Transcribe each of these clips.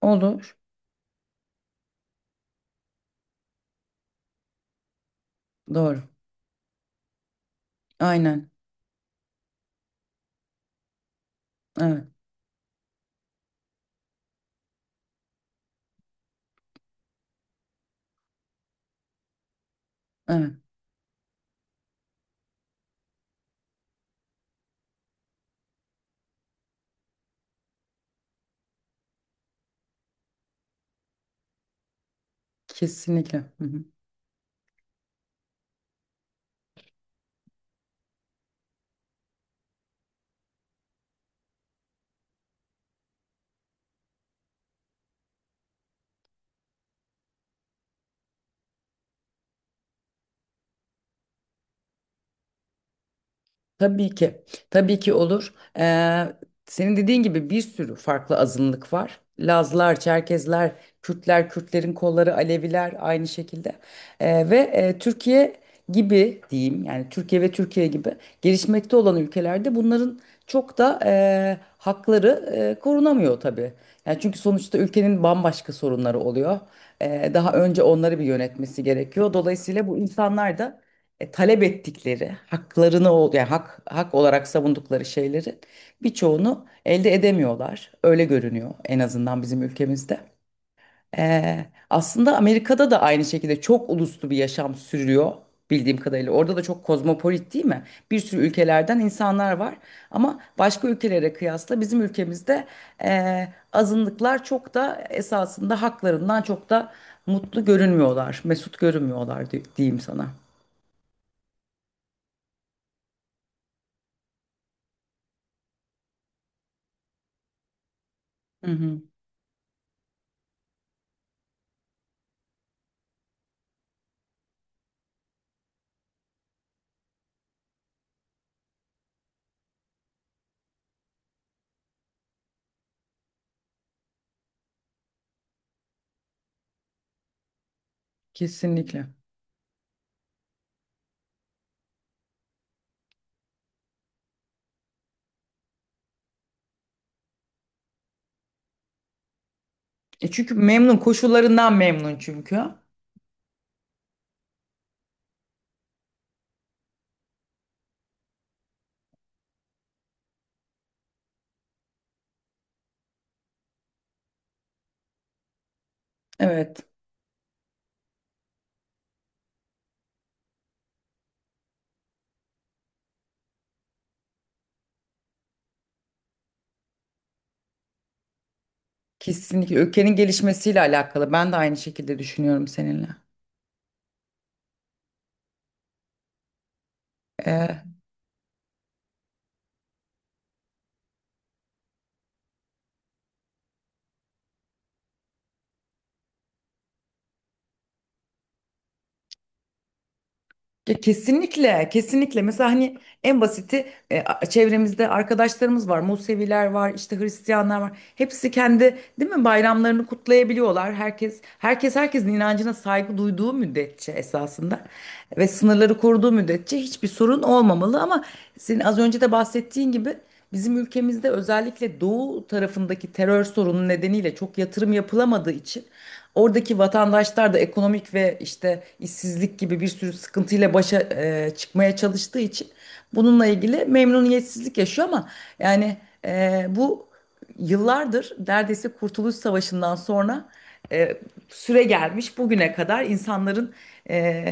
Olur. Doğru. Aynen. Evet. Evet. Kesinlikle. Hı hı. Tabii ki, tabii ki olur. Senin dediğin gibi bir sürü farklı azınlık var. Lazlar, Çerkezler, Kürtler, Kürtlerin kolları, Aleviler aynı şekilde. Ve Türkiye gibi diyeyim yani Türkiye ve Türkiye gibi gelişmekte olan ülkelerde bunların çok da hakları korunamıyor tabii. Yani çünkü sonuçta ülkenin bambaşka sorunları oluyor. Daha önce onları bir yönetmesi gerekiyor. Dolayısıyla bu insanlar da talep ettikleri yani hak olarak savundukları şeylerin birçoğunu elde edemiyorlar. Öyle görünüyor en azından bizim ülkemizde. Aslında Amerika'da da aynı şekilde çok uluslu bir yaşam sürüyor bildiğim kadarıyla. Orada da çok kozmopolit, değil mi? Bir sürü ülkelerden insanlar var ama başka ülkelere kıyasla bizim ülkemizde azınlıklar çok da esasında haklarından çok da mutlu görünmüyorlar, mesut görünmüyorlar diyeyim sana. Hı hı. Kesinlikle. E çünkü memnun, koşullarından memnun çünkü. Evet, kesinlikle ülkenin gelişmesiyle alakalı. Ben de aynı şekilde düşünüyorum seninle. E, ya kesinlikle, kesinlikle. Mesela hani en basiti, çevremizde arkadaşlarımız var, Museviler var, işte Hristiyanlar var. Hepsi kendi, değil mi, bayramlarını kutlayabiliyorlar. Herkes herkesin inancına saygı duyduğu müddetçe esasında ve sınırları koruduğu müddetçe hiçbir sorun olmamalı. Ama senin az önce de bahsettiğin gibi, bizim ülkemizde özellikle doğu tarafındaki terör sorunu nedeniyle çok yatırım yapılamadığı için oradaki vatandaşlar da ekonomik ve işte işsizlik gibi bir sürü sıkıntıyla başa çıkmaya çalıştığı için bununla ilgili memnuniyetsizlik yaşıyor ama yani bu yıllardır neredeyse Kurtuluş Savaşı'ndan sonra e, süre gelmiş bugüne kadar insanların e,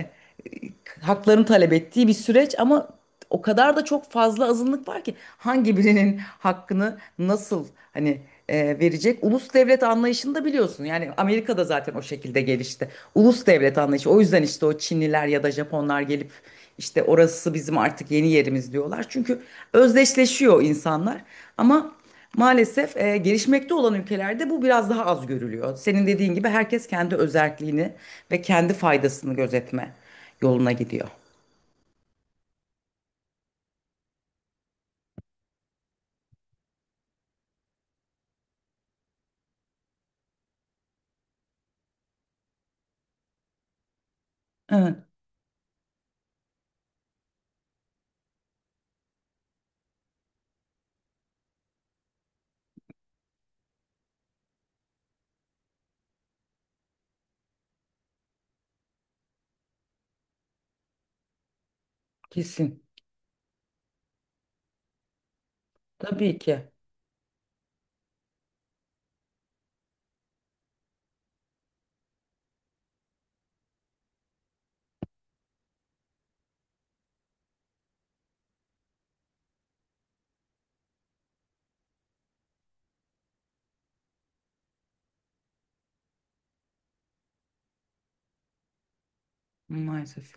haklarını talep ettiği bir süreç ama o kadar da çok fazla azınlık var ki hangi birinin hakkını nasıl hani verecek? Ulus devlet anlayışını da biliyorsun. Yani Amerika'da zaten o şekilde gelişti. Ulus devlet anlayışı. O yüzden işte o Çinliler ya da Japonlar gelip işte orası bizim artık yeni yerimiz diyorlar. Çünkü özdeşleşiyor insanlar. Ama maalesef gelişmekte olan ülkelerde bu biraz daha az görülüyor. Senin dediğin gibi herkes kendi özerkliğini ve kendi faydasını gözetme yoluna gidiyor. Evet, kesin. Tabii ki. Maalesef.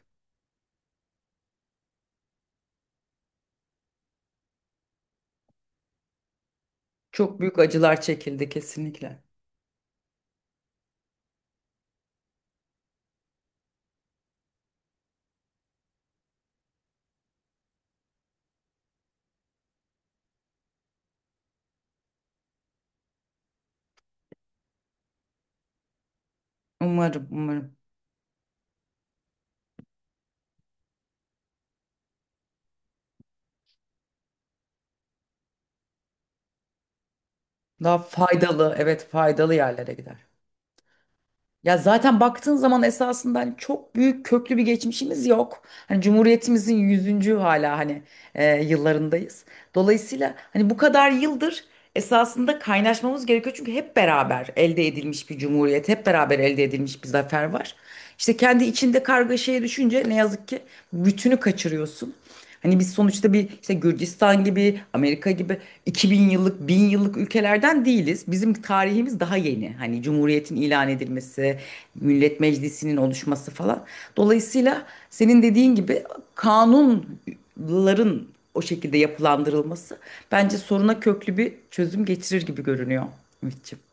Çok büyük acılar çekildi kesinlikle. Umarım, umarım. Daha faydalı, evet faydalı yerlere gider. Ya zaten baktığın zaman esasında hani çok büyük köklü bir geçmişimiz yok. Hani Cumhuriyetimizin yüzüncü hala hani yıllarındayız. Dolayısıyla hani bu kadar yıldır esasında kaynaşmamız gerekiyor. Çünkü hep beraber elde edilmiş bir cumhuriyet, hep beraber elde edilmiş bir zafer var. İşte kendi içinde kargaşaya düşünce ne yazık ki bütünü kaçırıyorsun. Hani biz sonuçta bir işte Gürcistan gibi, Amerika gibi 2000 yıllık, 1000 yıllık ülkelerden değiliz. Bizim tarihimiz daha yeni. Hani Cumhuriyet'in ilan edilmesi, Millet Meclisi'nin oluşması falan. Dolayısıyla senin dediğin gibi kanunların o şekilde yapılandırılması bence soruna köklü bir çözüm getirir gibi görünüyor, Ümitçiğim.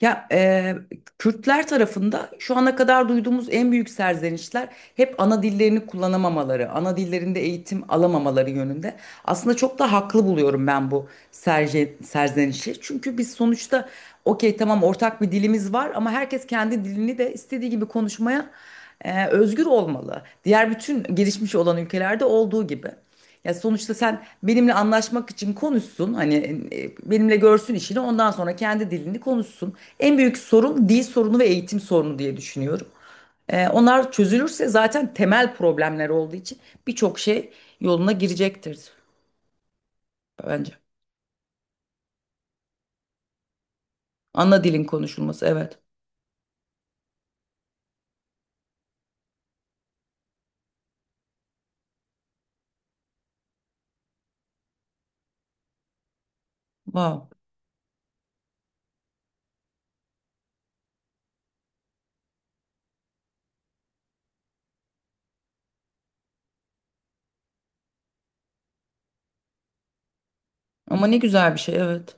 Ya Kürtler tarafında şu ana kadar duyduğumuz en büyük serzenişler hep ana dillerini kullanamamaları, ana dillerinde eğitim alamamaları yönünde. Aslında çok da haklı buluyorum ben bu serzenişi. Çünkü biz sonuçta okey tamam ortak bir dilimiz var ama herkes kendi dilini de istediği gibi konuşmaya özgür olmalı. Diğer bütün gelişmiş olan ülkelerde olduğu gibi. Ya sonuçta sen benimle anlaşmak için konuşsun. Hani benimle görsün işini. Ondan sonra kendi dilini konuşsun. En büyük sorun dil sorunu ve eğitim sorunu diye düşünüyorum. Onlar çözülürse zaten temel problemler olduğu için birçok şey yoluna girecektir bence. Ana dilin konuşulması, evet. Wow. Ama ne güzel bir şey, evet.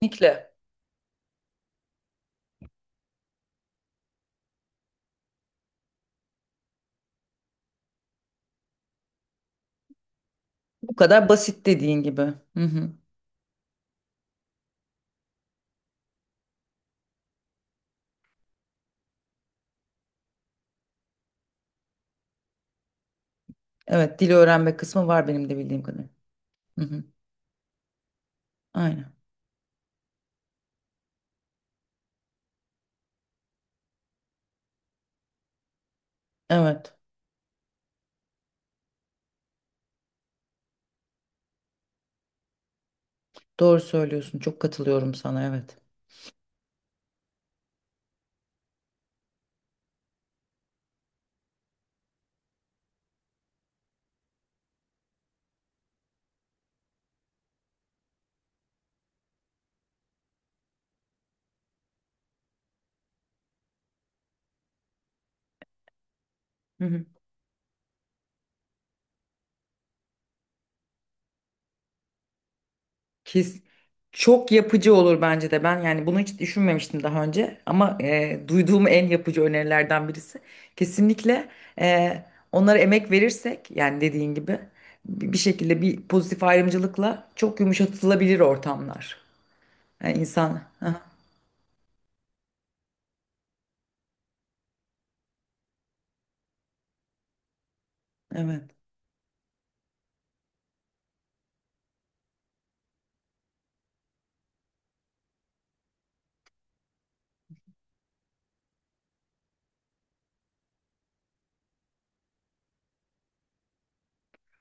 Kesinlikle. Bu kadar basit dediğin gibi. Hı hı. Evet, dil öğrenme kısmı var benim de bildiğim kadarıyla. Hı hı. Aynen. Evet. Doğru söylüyorsun. Çok katılıyorum sana. Evet. Hı hı. Kes. Çok yapıcı olur bence de. Ben yani bunu hiç düşünmemiştim daha önce ama duyduğum en yapıcı önerilerden birisi. Kesinlikle e, onlara emek verirsek yani dediğin gibi bir şekilde bir pozitif ayrımcılıkla çok yumuşatılabilir ortamlar. Yani insan. Aha, evet.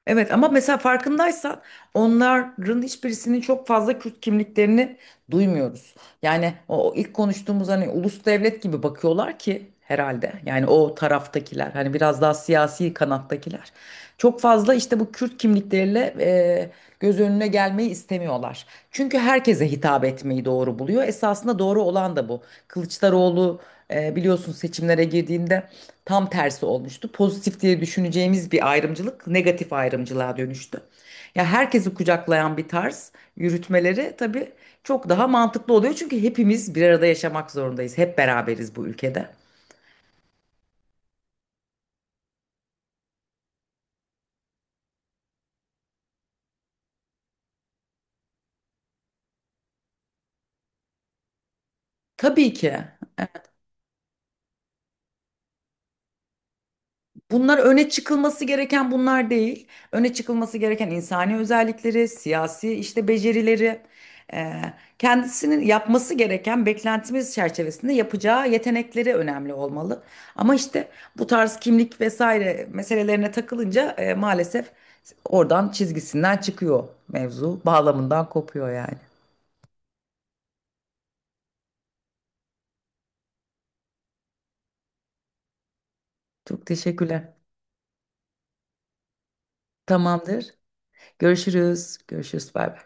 Evet ama mesela farkındaysan onların hiçbirisinin çok fazla Kürt kimliklerini duymuyoruz. Yani o ilk konuştuğumuz hani ulus devlet gibi bakıyorlar ki herhalde. Yani o taraftakiler hani biraz daha siyasi kanattakiler. Çok fazla işte bu Kürt kimlikleriyle göz önüne gelmeyi istemiyorlar. Çünkü herkese hitap etmeyi doğru buluyor. Esasında doğru olan da bu. Kılıçdaroğlu biliyorsun seçimlere girdiğinde tam tersi olmuştu. Pozitif diye düşüneceğimiz bir ayrımcılık negatif ayrımcılığa dönüştü. Ya herkesi kucaklayan bir tarz yürütmeleri tabii çok daha mantıklı oluyor. Çünkü hepimiz bir arada yaşamak zorundayız. Hep beraberiz bu ülkede. Tabii ki. Bunlar öne çıkılması gereken bunlar değil. Öne çıkılması gereken insani özellikleri, siyasi işte becerileri, e, kendisinin yapması gereken beklentimiz çerçevesinde yapacağı yetenekleri önemli olmalı. Ama işte bu tarz kimlik vesaire meselelerine takılınca maalesef oradan çizgisinden çıkıyor mevzu, bağlamından kopuyor yani. Çok teşekkürler. Tamamdır. Görüşürüz. Görüşürüz. Bay bay.